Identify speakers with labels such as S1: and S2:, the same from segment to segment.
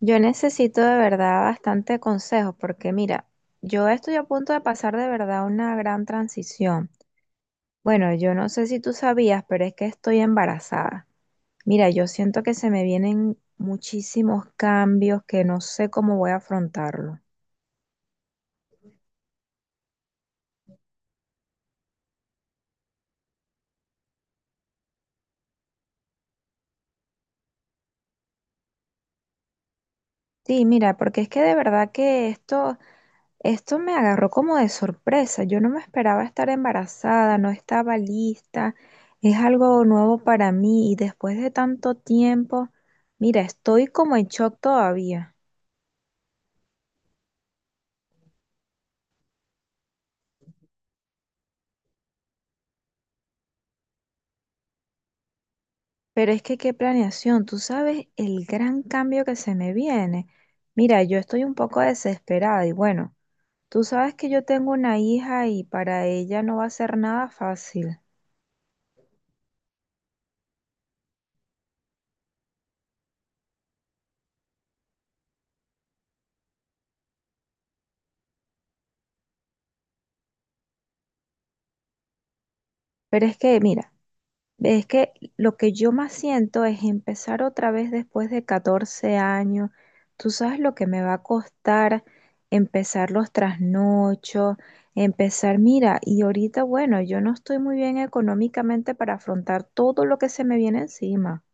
S1: Yo necesito de verdad bastante consejo, porque mira, yo estoy a punto de pasar de verdad una gran transición. Bueno, yo no sé si tú sabías, pero es que estoy embarazada. Mira, yo siento que se me vienen muchísimos cambios que no sé cómo voy a afrontarlo. Sí, mira, porque es que de verdad que esto me agarró como de sorpresa. Yo no me esperaba estar embarazada, no estaba lista. Es algo nuevo para mí y después de tanto tiempo, mira, estoy como en shock todavía. Pero es que qué planeación, tú sabes el gran cambio que se me viene. Mira, yo estoy un poco desesperada y bueno, tú sabes que yo tengo una hija y para ella no va a ser nada fácil. Pero es que, mira, es que lo que yo más siento es empezar otra vez después de 14 años. Tú sabes lo que me va a costar empezar los trasnochos, empezar, mira, y ahorita, bueno, yo no estoy muy bien económicamente para afrontar todo lo que se me viene encima.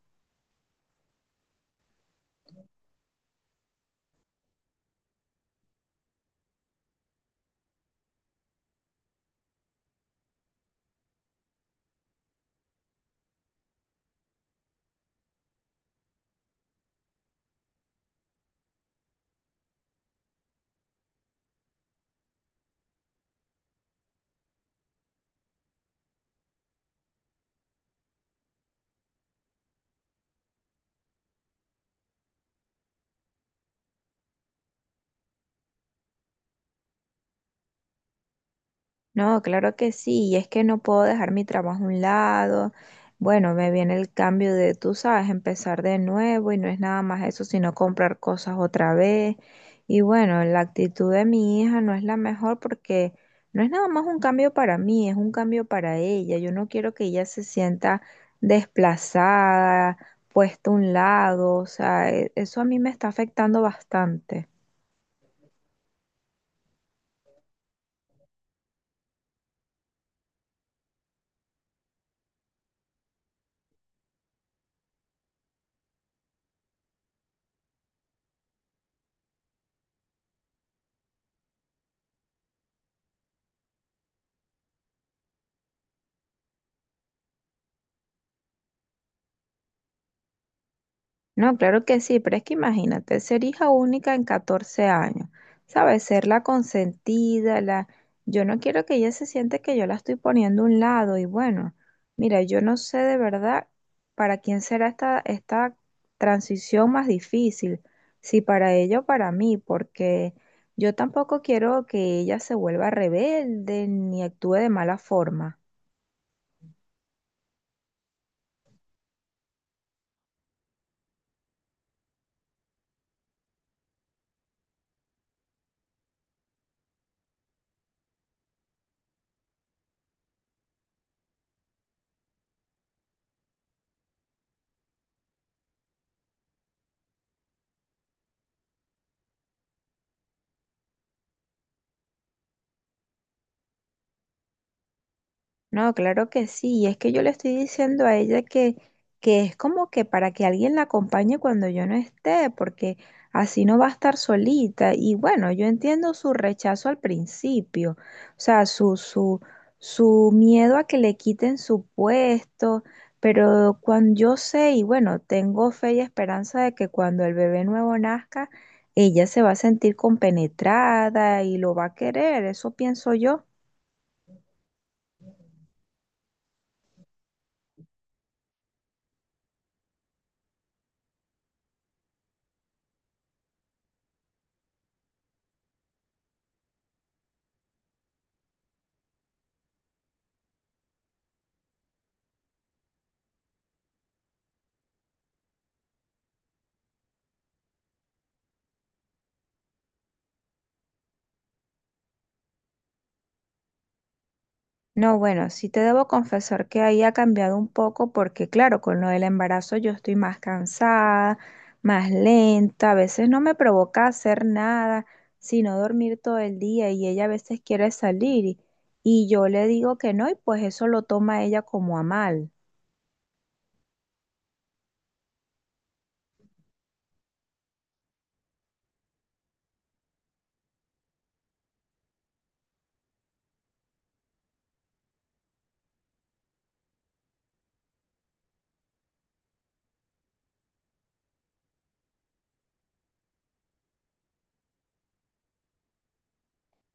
S1: No, claro que sí, y es que no puedo dejar mi trabajo a un lado. Bueno, me viene el cambio de, tú sabes, empezar de nuevo, y no es nada más eso, sino comprar cosas otra vez. Y bueno, la actitud de mi hija no es la mejor, porque no es nada más un cambio para mí, es un cambio para ella. Yo no quiero que ella se sienta desplazada, puesta a un lado, o sea, eso a mí me está afectando bastante. No, claro que sí, pero es que imagínate, ser hija única en 14 años, ¿sabes? Ser la consentida, la... Yo no quiero que ella se siente que yo la estoy poniendo a un lado y bueno, mira, yo no sé de verdad para quién será esta transición más difícil, si para ella o para mí, porque yo tampoco quiero que ella se vuelva rebelde ni actúe de mala forma. No, claro que sí. Y es que yo le estoy diciendo a ella que es como que para que alguien la acompañe cuando yo no esté, porque así no va a estar solita. Y bueno, yo entiendo su rechazo al principio, o sea, su miedo a que le quiten su puesto, pero cuando yo sé, y bueno, tengo fe y esperanza de que cuando el bebé nuevo nazca, ella se va a sentir compenetrada y lo va a querer, eso pienso yo. No, bueno, sí te debo confesar que ahí ha cambiado un poco, porque claro, con lo del embarazo yo estoy más cansada, más lenta, a veces no me provoca hacer nada, sino dormir todo el día, y ella a veces quiere salir y yo le digo que no, y pues eso lo toma ella como a mal.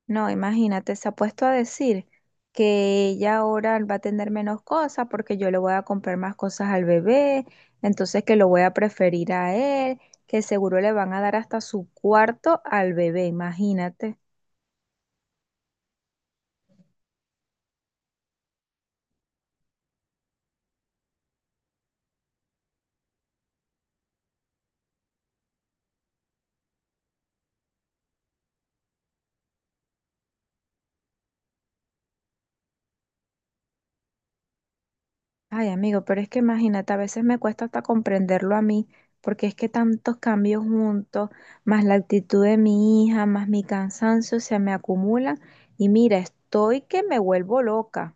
S1: No, imagínate, se ha puesto a decir que ella ahora va a tener menos cosas porque yo le voy a comprar más cosas al bebé, entonces que lo voy a preferir a él, que seguro le van a dar hasta su cuarto al bebé, imagínate. Ay, amigo, pero es que imagínate, a veces me cuesta hasta comprenderlo a mí, porque es que tantos cambios juntos, más la actitud de mi hija, más mi cansancio, se me acumulan y mira, estoy que me vuelvo loca.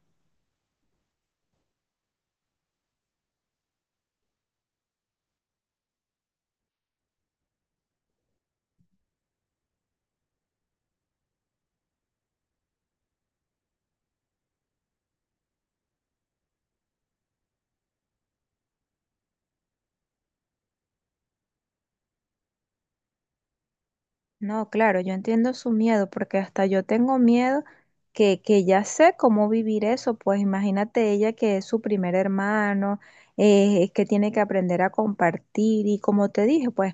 S1: No, claro, yo entiendo su miedo, porque hasta yo tengo miedo que ya sé cómo vivir eso, pues imagínate ella, que es su primer hermano, que tiene que aprender a compartir y como te dije, pues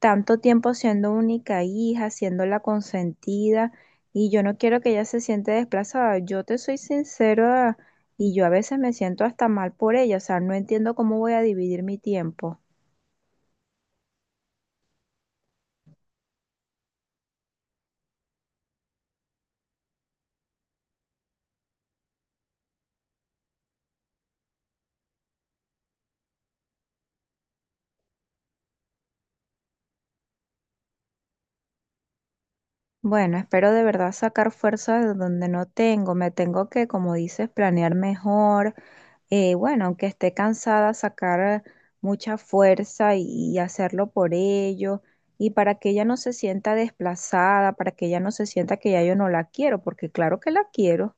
S1: tanto tiempo siendo única hija, siendo la consentida, y yo no quiero que ella se siente desplazada. Yo te soy sincera, y yo a veces me siento hasta mal por ella, o sea, no entiendo cómo voy a dividir mi tiempo. Bueno, espero de verdad sacar fuerza de donde no tengo. Me tengo que, como dices, planear mejor. Bueno, aunque esté cansada, sacar mucha fuerza y hacerlo por ello. Y para que ella no se sienta desplazada, para que ella no se sienta que ya yo no la quiero, porque claro que la quiero.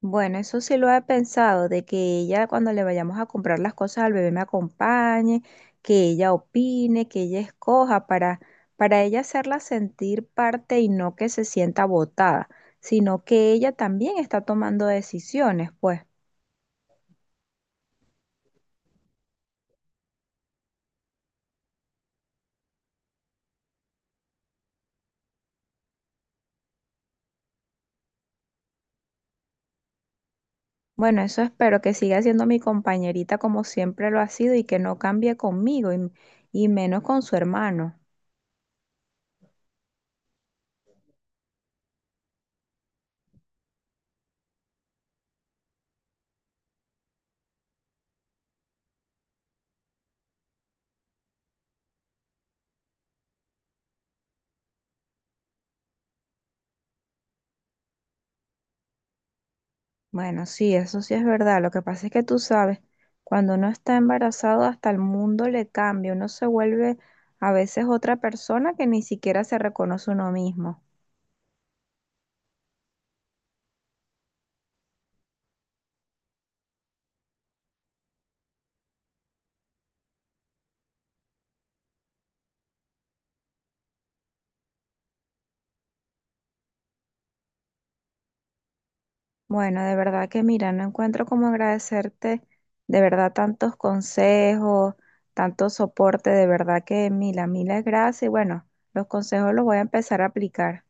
S1: Bueno, eso sí lo he pensado, de que ella cuando le vayamos a comprar las cosas al bebé me acompañe, que ella opine, que ella escoja, para ella hacerla sentir parte y no que se sienta botada, sino que ella también está tomando decisiones, pues. Bueno, eso espero, que siga siendo mi compañerita como siempre lo ha sido y que no cambie conmigo y menos con su hermano. Bueno, sí, eso sí es verdad. Lo que pasa es que tú sabes, cuando uno está embarazado, hasta el mundo le cambia. Uno se vuelve a veces otra persona que ni siquiera se reconoce uno mismo. Bueno, de verdad que mira, no encuentro cómo agradecerte de verdad tantos consejos, tanto soporte. De verdad que mil, a miles gracias. Y bueno, los consejos los voy a empezar a aplicar.